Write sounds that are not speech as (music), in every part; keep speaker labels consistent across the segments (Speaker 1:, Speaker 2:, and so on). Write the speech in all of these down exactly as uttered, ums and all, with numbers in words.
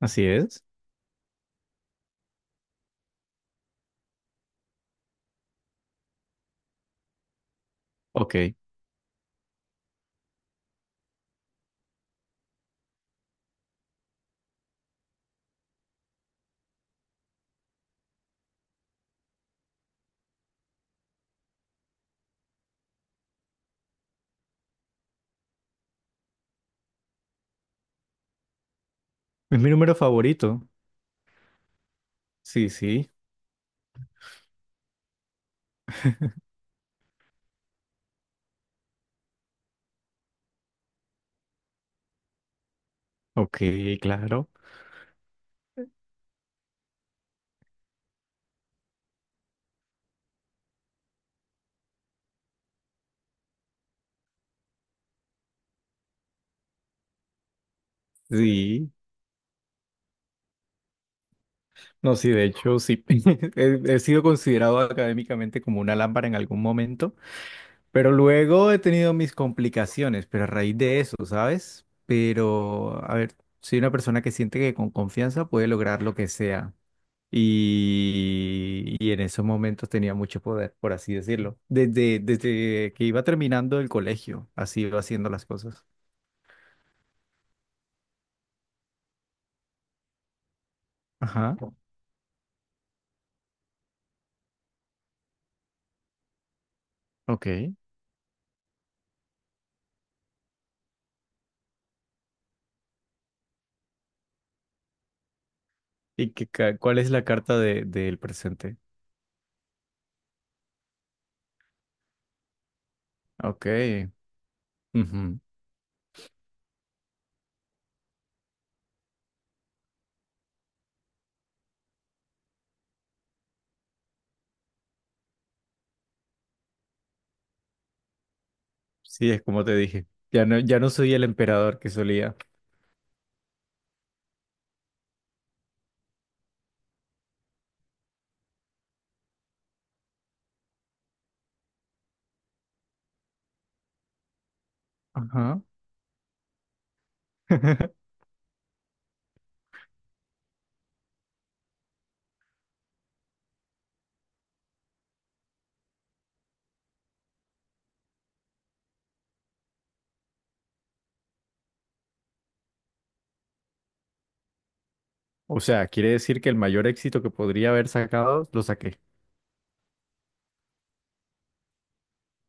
Speaker 1: Así es. Ok. Es mi número favorito. Sí, sí. Ok, claro. Sí. No, sí, de hecho, sí. (laughs) He, he sido considerado académicamente como una lámpara en algún momento, pero luego he tenido mis complicaciones, pero a raíz de eso, ¿sabes? Pero, a ver, soy una persona que siente que con confianza puede lograr lo que sea. Y, y en esos momentos tenía mucho poder, por así decirlo. Desde, desde que iba terminando el colegio, así iba haciendo las cosas. Ajá. Ok. ¿Y qué, ca- cuál es la carta de, del presente? Ok. Ujú. Sí, es como te dije. Ya no, ya no soy el emperador que solía. Ajá. (laughs) O sea, quiere decir que el mayor éxito que podría haber sacado, lo saqué.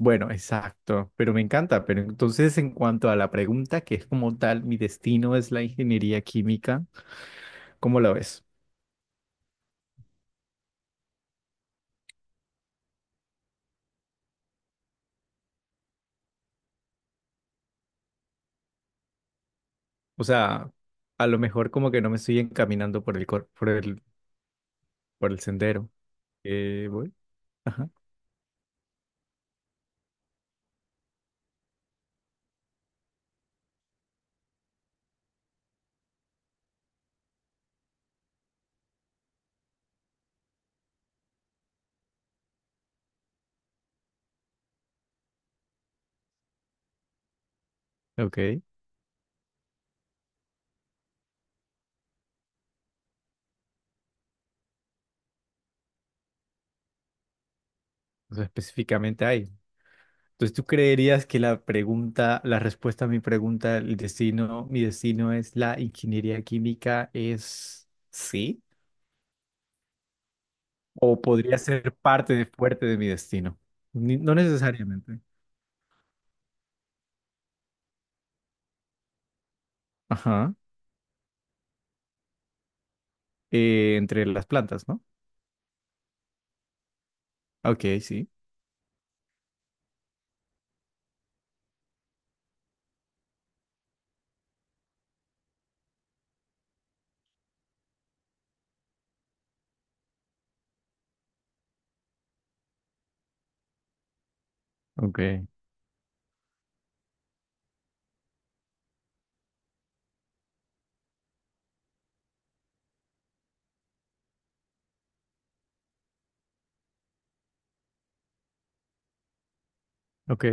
Speaker 1: Bueno, exacto, pero me encanta. Pero entonces, en cuanto a la pregunta, que es como tal, mi destino es la ingeniería química, ¿cómo la ves? O sea, a lo mejor como que no me estoy encaminando por el, cor- por el, por el sendero. Eh, voy. Ajá. Ok. O sea, específicamente ahí. Entonces, ¿tú creerías que la pregunta, la respuesta a mi pregunta, el destino, mi destino es la ingeniería química, es sí? ¿O podría ser parte de, fuerte de mi destino? Ni- no necesariamente. Ajá. Eh, entre las plantas, ¿no? Ok, sí. Ok, ok.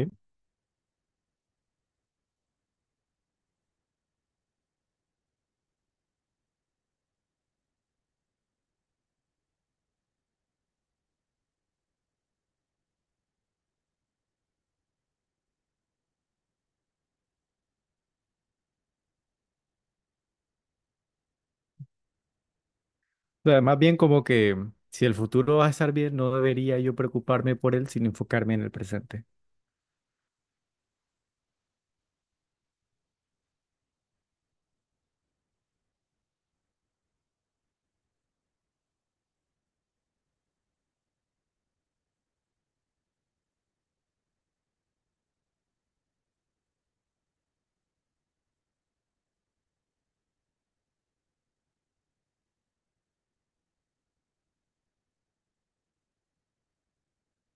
Speaker 1: O sea, más bien como que mm, si el futuro va a estar bien, no debería yo preocuparme por él, sino enfocarme en el presente.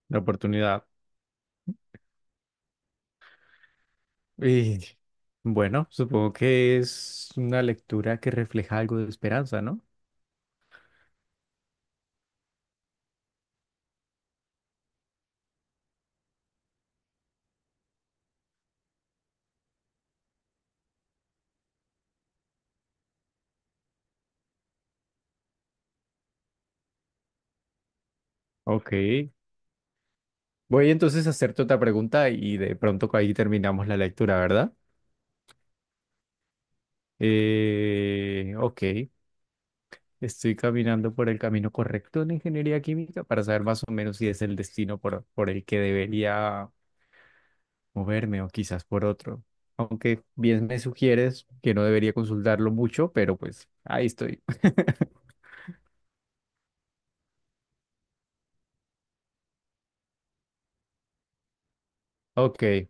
Speaker 1: La oportunidad. Y bueno, supongo que es una lectura que refleja algo de esperanza, ¿no? Ok. Voy entonces a hacerte otra pregunta y de pronto ahí terminamos la lectura, ¿verdad? Eh, ok. Estoy caminando por el camino correcto en ingeniería química para saber más o menos si es el destino por, por el que debería moverme o quizás por otro. Aunque bien me sugieres que no debería consultarlo mucho, pero pues ahí estoy. (laughs) Ok.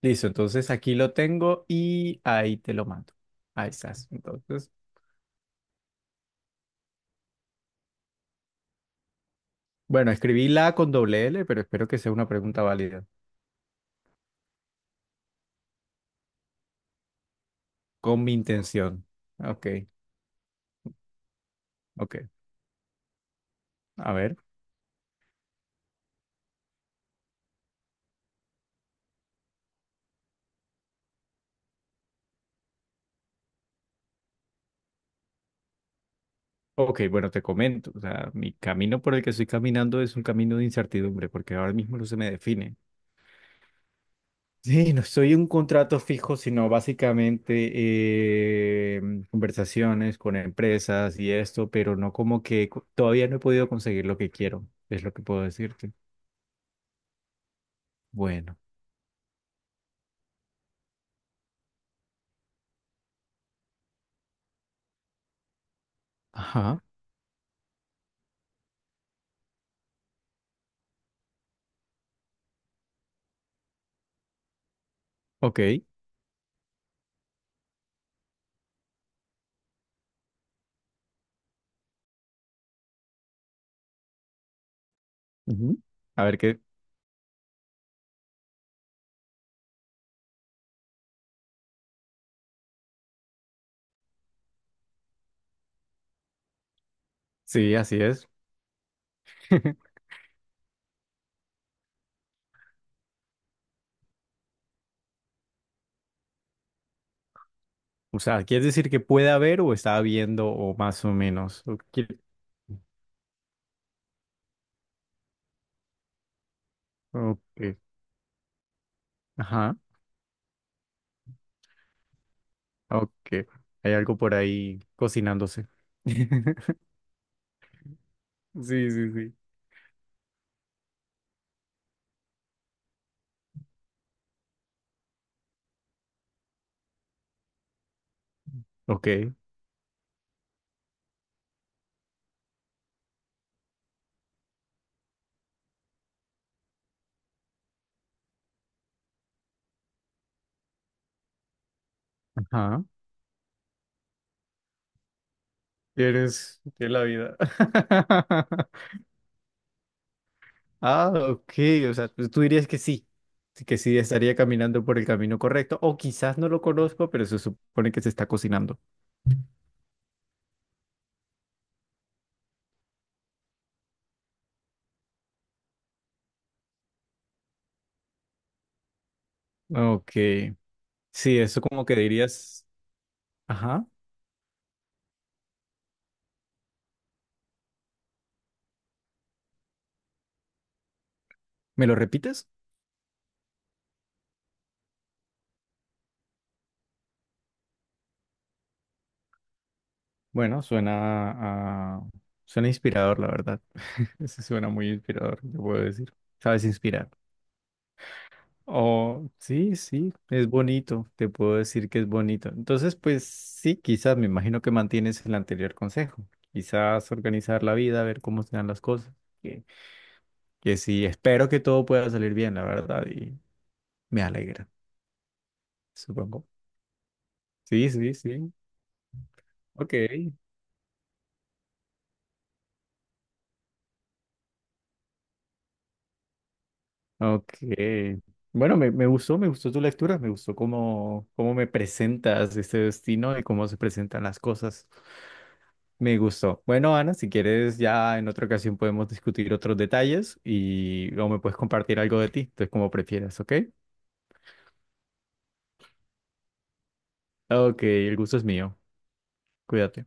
Speaker 1: Listo, entonces aquí lo tengo y ahí te lo mando. Ahí estás. Entonces, bueno, escribí la con doble L, pero espero que sea una pregunta válida, con mi intención. Ok, ok. A ver. Ok, bueno, te comento. O sea, mi camino por el que estoy caminando es un camino de incertidumbre, porque ahora mismo no se me define. (laughs) Sí, no soy un contrato fijo, sino básicamente eh, conversaciones con empresas y esto, pero no como que co- todavía no he podido conseguir lo que quiero, es lo que puedo decirte. Bueno. Ajá, ok. Ujú. A ver qué. Sí, así es. (laughs) O sea, ¿quieres decir que puede haber o está habiendo o más o menos? ¿O quie- Ok. Ajá, ok. Hay algo por ahí cocinándose. (laughs) Sí, sí, sí. Ok, ajá. ¿Quieres que la vida? (laughs) Ah, ok. O sea, pues tú dirías que sí. Sí, que sí estaría caminando por el camino correcto. O quizás no lo conozco, pero se supone que se está cocinando. Ok. Sí, eso como que dirías, ajá, ¿me lo repites? Bueno, suena a... suena inspirador, la verdad. (laughs) Eso suena muy inspirador, te puedo decir. Sabes inspirar. Oh, sí, sí, es bonito, te puedo decir que es bonito. Entonces, pues sí, quizás me imagino que mantienes el anterior consejo. Quizás organizar la vida, ver cómo se dan las cosas. Que, que sí, espero que todo pueda salir bien, la verdad, y me alegra, supongo. Sí, sí, sí. Ok, ok. Bueno, me, me gustó, me gustó tu lectura, me gustó cómo, cómo me presentas este destino y cómo se presentan las cosas. Me gustó. Bueno, Ana, si quieres, ya en otra ocasión podemos discutir otros detalles y o me puedes compartir algo de ti, entonces como prefieras, ¿ok? Ok, el gusto es mío. Cuídate.